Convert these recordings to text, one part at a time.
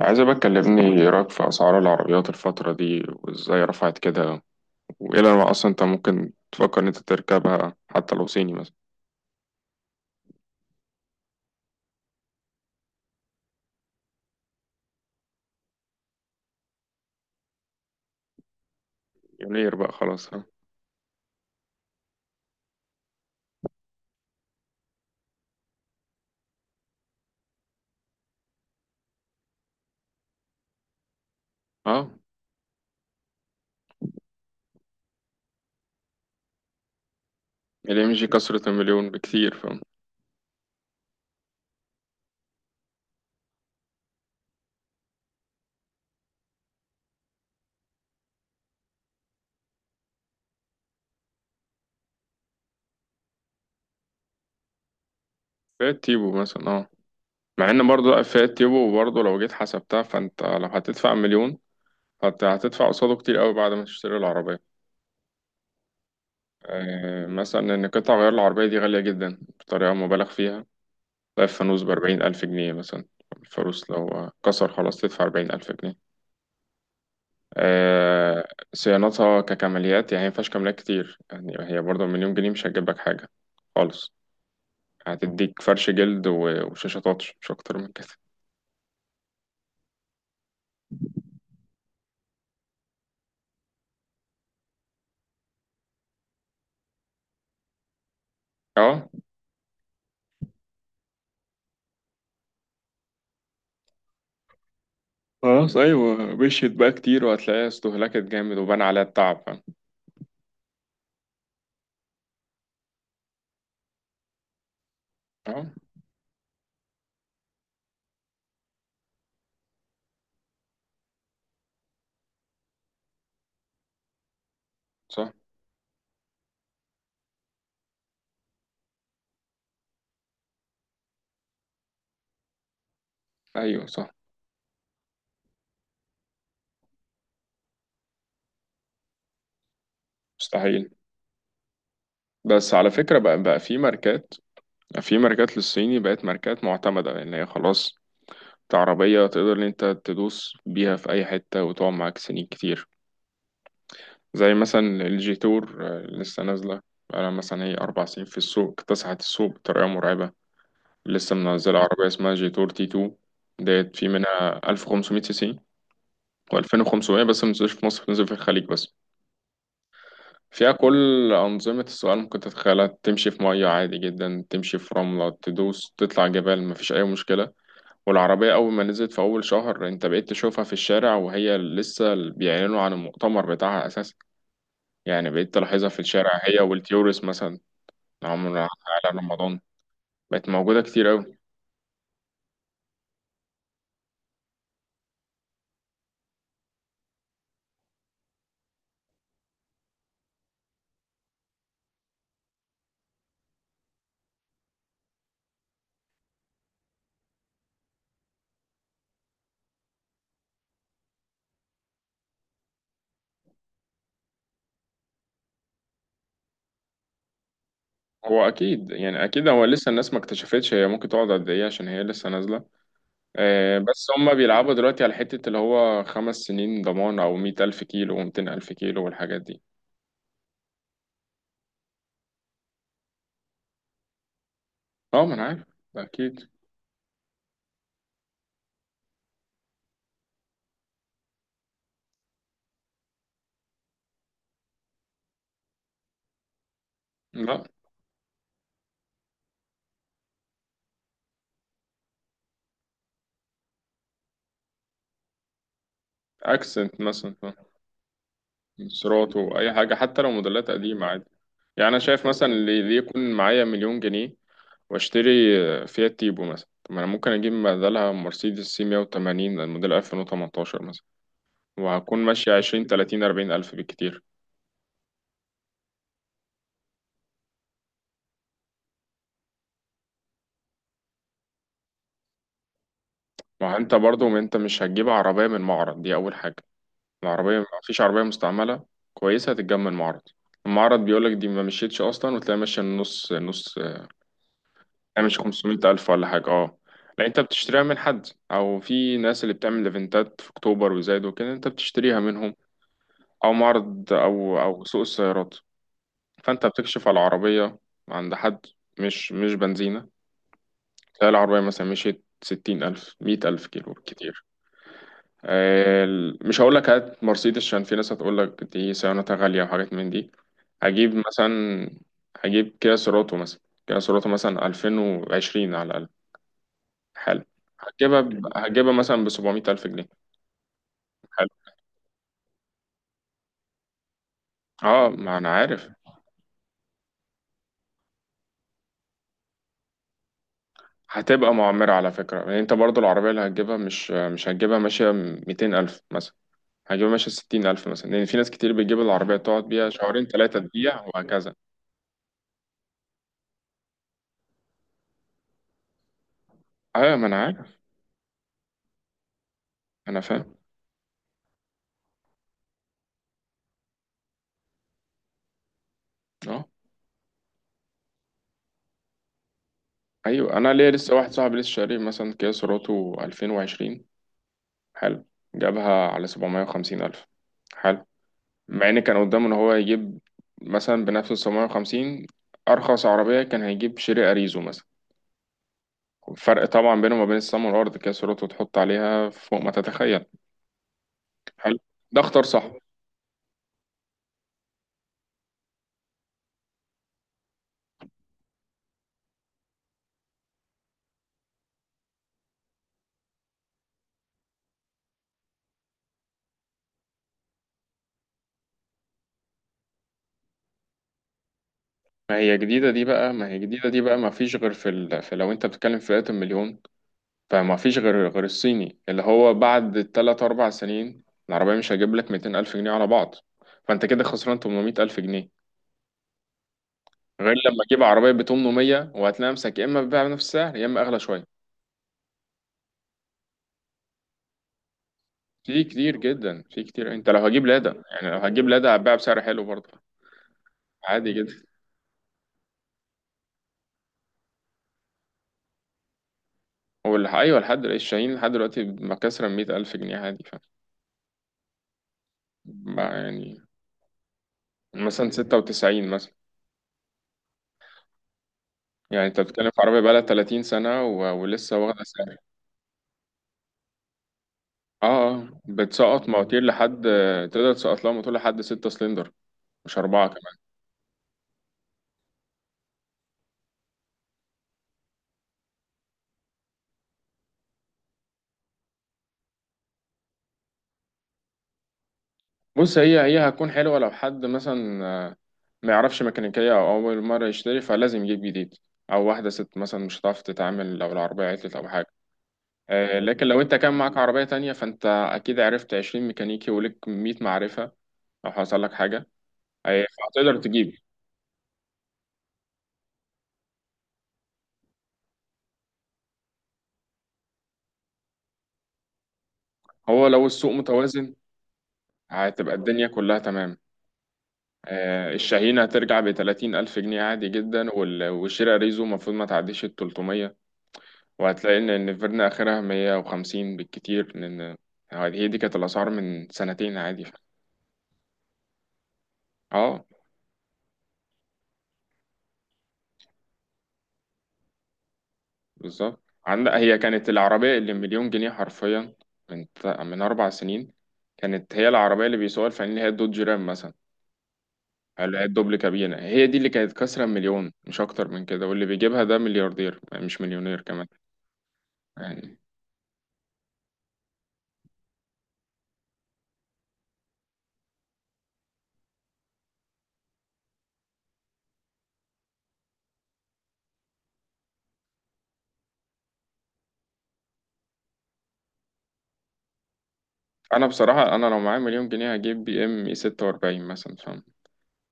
عايز بقى تكلمني إيه رأيك في أسعار العربيات الفترة دي وإزاي رفعت كده؟ وإيه أنواع أصلا أنت ممكن تفكر إن أنت تركبها حتى لو صيني مثلا؟ مليونير بقى خلاص ها؟ أه، الإم جي كسرت المليون بكتير، فاهم؟ فئة تيبو مثلا، أه. مع إن برضه لأ، فئة تيبو برضه لو جيت حسبتها فأنت لو هتدفع مليون فأنت هتدفع قصاده كتير أوي بعد ما تشتري العربية. أه، مثلا إن قطع غيار العربية دي غالية جدا بطريقة مبالغ فيها. تلاقي الفانوس بأربعين ألف جنيه مثلا. الفانوس لو كسر خلاص تدفع أربعين ألف جنيه. آه، صيانتها ككماليات يعني مينفعش كماليات كتير، يعني هي برضه مليون جنيه مش هتجيب لك حاجة خالص. هتديك فرش جلد وشاشة تاتش مش أكتر من كده. اه، خلاص أيوة مشيت بقى كتير وهتلاقيها استهلكت جامد وبان عليها التعب، فاهم؟ اه، صح. أيوة صح. مستحيل. بس على فكرة بقى، في ماركات في ماركات للصيني بقت ماركات معتمدة، لأن هي خلاص عربية تقدر إن أنت تدوس بيها في أي حتة وتقعد معاك سنين كتير. زي مثلا الجيتور، آه، لسه نازلة. بقالها مثلا هي أربع سنين في السوق، اكتسحت السوق بطريقة مرعبة. لسه منزلة عربية اسمها جيتور تي تو. ديت في منها ألف وخمسمية سي سي وألفين وخمسمية، بس منزلش في مصر، بتنزل في الخليج بس. فيها كل أنظمة السؤال ممكن تتخيلها، تمشي في مية عادي جدا، تمشي في رملة، تدوس تطلع جبال مفيش أي مشكلة. والعربية أول ما نزلت في أول شهر أنت بقيت تشوفها في الشارع، وهي لسه بيعلنوا عن المؤتمر بتاعها أساسا. يعني بقيت تلاحظها في الشارع، هي والتيورس مثلا. عمرو على رمضان. بقت موجودة كتير أوي. هو أكيد يعني، أكيد هو لسه الناس ما اكتشفتش هي ممكن تقعد قد إيه، عشان هي لسه نازلة. بس هما بيلعبوا دلوقتي على حتة اللي هو خمس سنين ضمان أو مية ألف كيلو ومتين ألف كيلو والحاجات دي. أه، ما أنا عارف. ده أكيد. لا. أكسنت مثلا. سيراتو أي حاجة، حتى لو موديلات قديمة عادي. يعني أنا شايف مثلا اللي يكون معايا مليون جنيه وأشتري، فيات تيبو مثلا. طب ما أنا ممكن أجيب بدلها مرسيدس سي 180 الموديل 2018 مثلا، وهكون ماشي عشرين تلاتين أربعين ألف بالكتير. ما هو أنت برضو، ما أنت مش هتجيب عربية من معرض دي أول حاجة. العربية مفيش عربية مستعملة كويسة هتتجمع من معرض. المعرض بيقولك دي ما مشيتش أصلا وتلاقي ماشية النص نص. يعني مش خمسمية ألف ولا حاجة، أه. لا، أنت بتشتريها من حد، أو في ناس اللي بتعمل إيفنتات في أكتوبر وزايد وكده أنت بتشتريها منهم. أو معرض أو أو سوق السيارات. فأنت بتكشف على العربية عند حد، مش بنزينة. تلاقي العربية مثلا مشيت ستين ألف مية ألف كيلو كتير. مش هقول لك هات مرسيدس، عشان في ناس هتقول لك دي صيانتها غالية وحاجات من دي. هجيب مثلا، هجيب كيا سيراتو مثلا. كيا سيراتو مثلا ألفين وعشرين على الأقل. حلو. هتجيبها مثلا بسبعمية ألف جنيه. حلو. اه، ما أنا عارف. هتبقى معمرة على فكرة، يعني أنت برضو العربية اللي هتجيبها مش هتجيبها ماشية ميتين ألف مثلا. هجيبها ماشية ستين ألف مثلا، لأن في ناس كتير بتجيب العربية تقعد بيها شهرين تلاتة تبيع وهكذا. ايوه ما انا عارف. انا فاهم. اه. ايوه، انا ليا لسه واحد صاحبي لسه شاري مثلا كيا سيراتو 2020. حلو. جابها على 750 الف. حلو. مع ان كان قدامه ان هو يجيب مثلا بنفس ال 750، ارخص عربيه كان هيجيب شيري اريزو مثلا. الفرق طبعا بينه وما بين السما والارض. كيا سيراتو تحط عليها فوق ما تتخيل. حلو. ده اختار صح. ما هي جديده دي بقى، ما هي جديده دي بقى ما فيش غير في، لو انت بتتكلم في فئه المليون فما فيش غير، غير الصيني، اللي هو بعد تلات أربع سنين العربية مش هجيب لك ميتين ألف جنيه على بعض. فأنت كده خسران تمنمية ألف جنيه، غير لما تجيب عربية بتمنمية وهتلاقي نفسك يا إما بتبيع بنفس السعر يا إما أغلى شوية. في كتير جدا، في كتير. أنت لو هجيب لادا، يعني لو هتجيب لادا هتبيع بسعر حلو برضه، عادي جدا. أيوه، لحد دلوقتي الشاهين لحد دلوقتي مكسرة مية ألف جنيه عادي، ف ما يعني مثلا ستة وتسعين مثلا. يعني أنت بتتكلم في عربية بقالها تلاتين سنة ولسه واخدة. اه، بتسقط مواتير لحد، تقدر تسقط لها موتور لحد ستة سلندر، مش أربعة كمان. بص، هي هتكون حلوة لو حد مثلا، ما يعرفش ميكانيكية أو أول مرة يشتري فلازم يجيب جديد. أو واحدة ست مثلا مش هتعرف تتعامل لو العربية عطلت أو حاجة. لكن لو أنت كان معاك عربية تانية فأنت أكيد عرفت عشرين ميكانيكي وليك مية معرفة لو حصل لك حاجة. فهتقدر تجيب. هو لو السوق متوازن هتبقى الدنيا كلها تمام. الشاهين هترجع بتلاتين ألف جنيه عادي جدا، والشيرة ريزو المفروض ما تعديش التلتمية. وهتلاقي إن النفيرنا آخرها مية وخمسين بالكتير، لأن هي دي كانت الأسعار من سنتين عادي اه. بالظبط، عند هي كانت العربية اللي مليون جنيه حرفيا من أربع سنين. كانت هي العربية اللي بيسوقها الفنانين اللي هي الدوج رام مثلا. اللي هي الدبل كابينة، هي دي اللي كانت كسرة مليون مش أكتر من كده، واللي بيجيبها ده ملياردير مش مليونير كمان. يعني انا بصراحه انا لو معايا مليون جنيه هجيب بي ام اي 46 مثلا، فاهم؟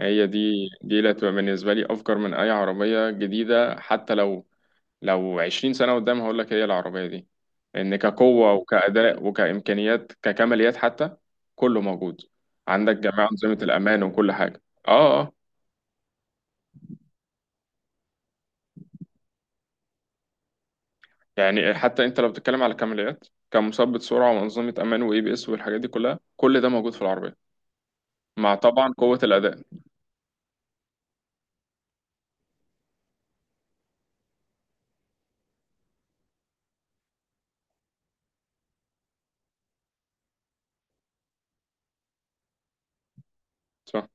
هي دي، دي اللي هتبقى بالنسبه لي افجر من اي عربيه جديده، حتى لو، لو 20 سنه قدام هقول لك هي العربيه دي. ان كقوه وكاداء وكامكانيات ككماليات حتى، كله موجود. عندك جميع انظمه الامان وكل حاجه. اه اه. يعني حتى انت لو بتتكلم على كماليات كمثبت سرعه وانظمه امان واي بي اس والحاجات دي كلها كل ده موجود في العربيه، مع طبعا قوه الاداء. صح.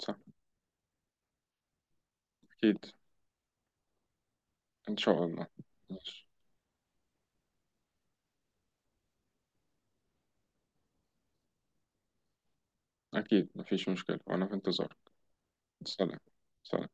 صح. اكيد. ان شاء الله. ماشي. أكيد مفيش مشكلة وأنا في انتظار. سلام. سلام.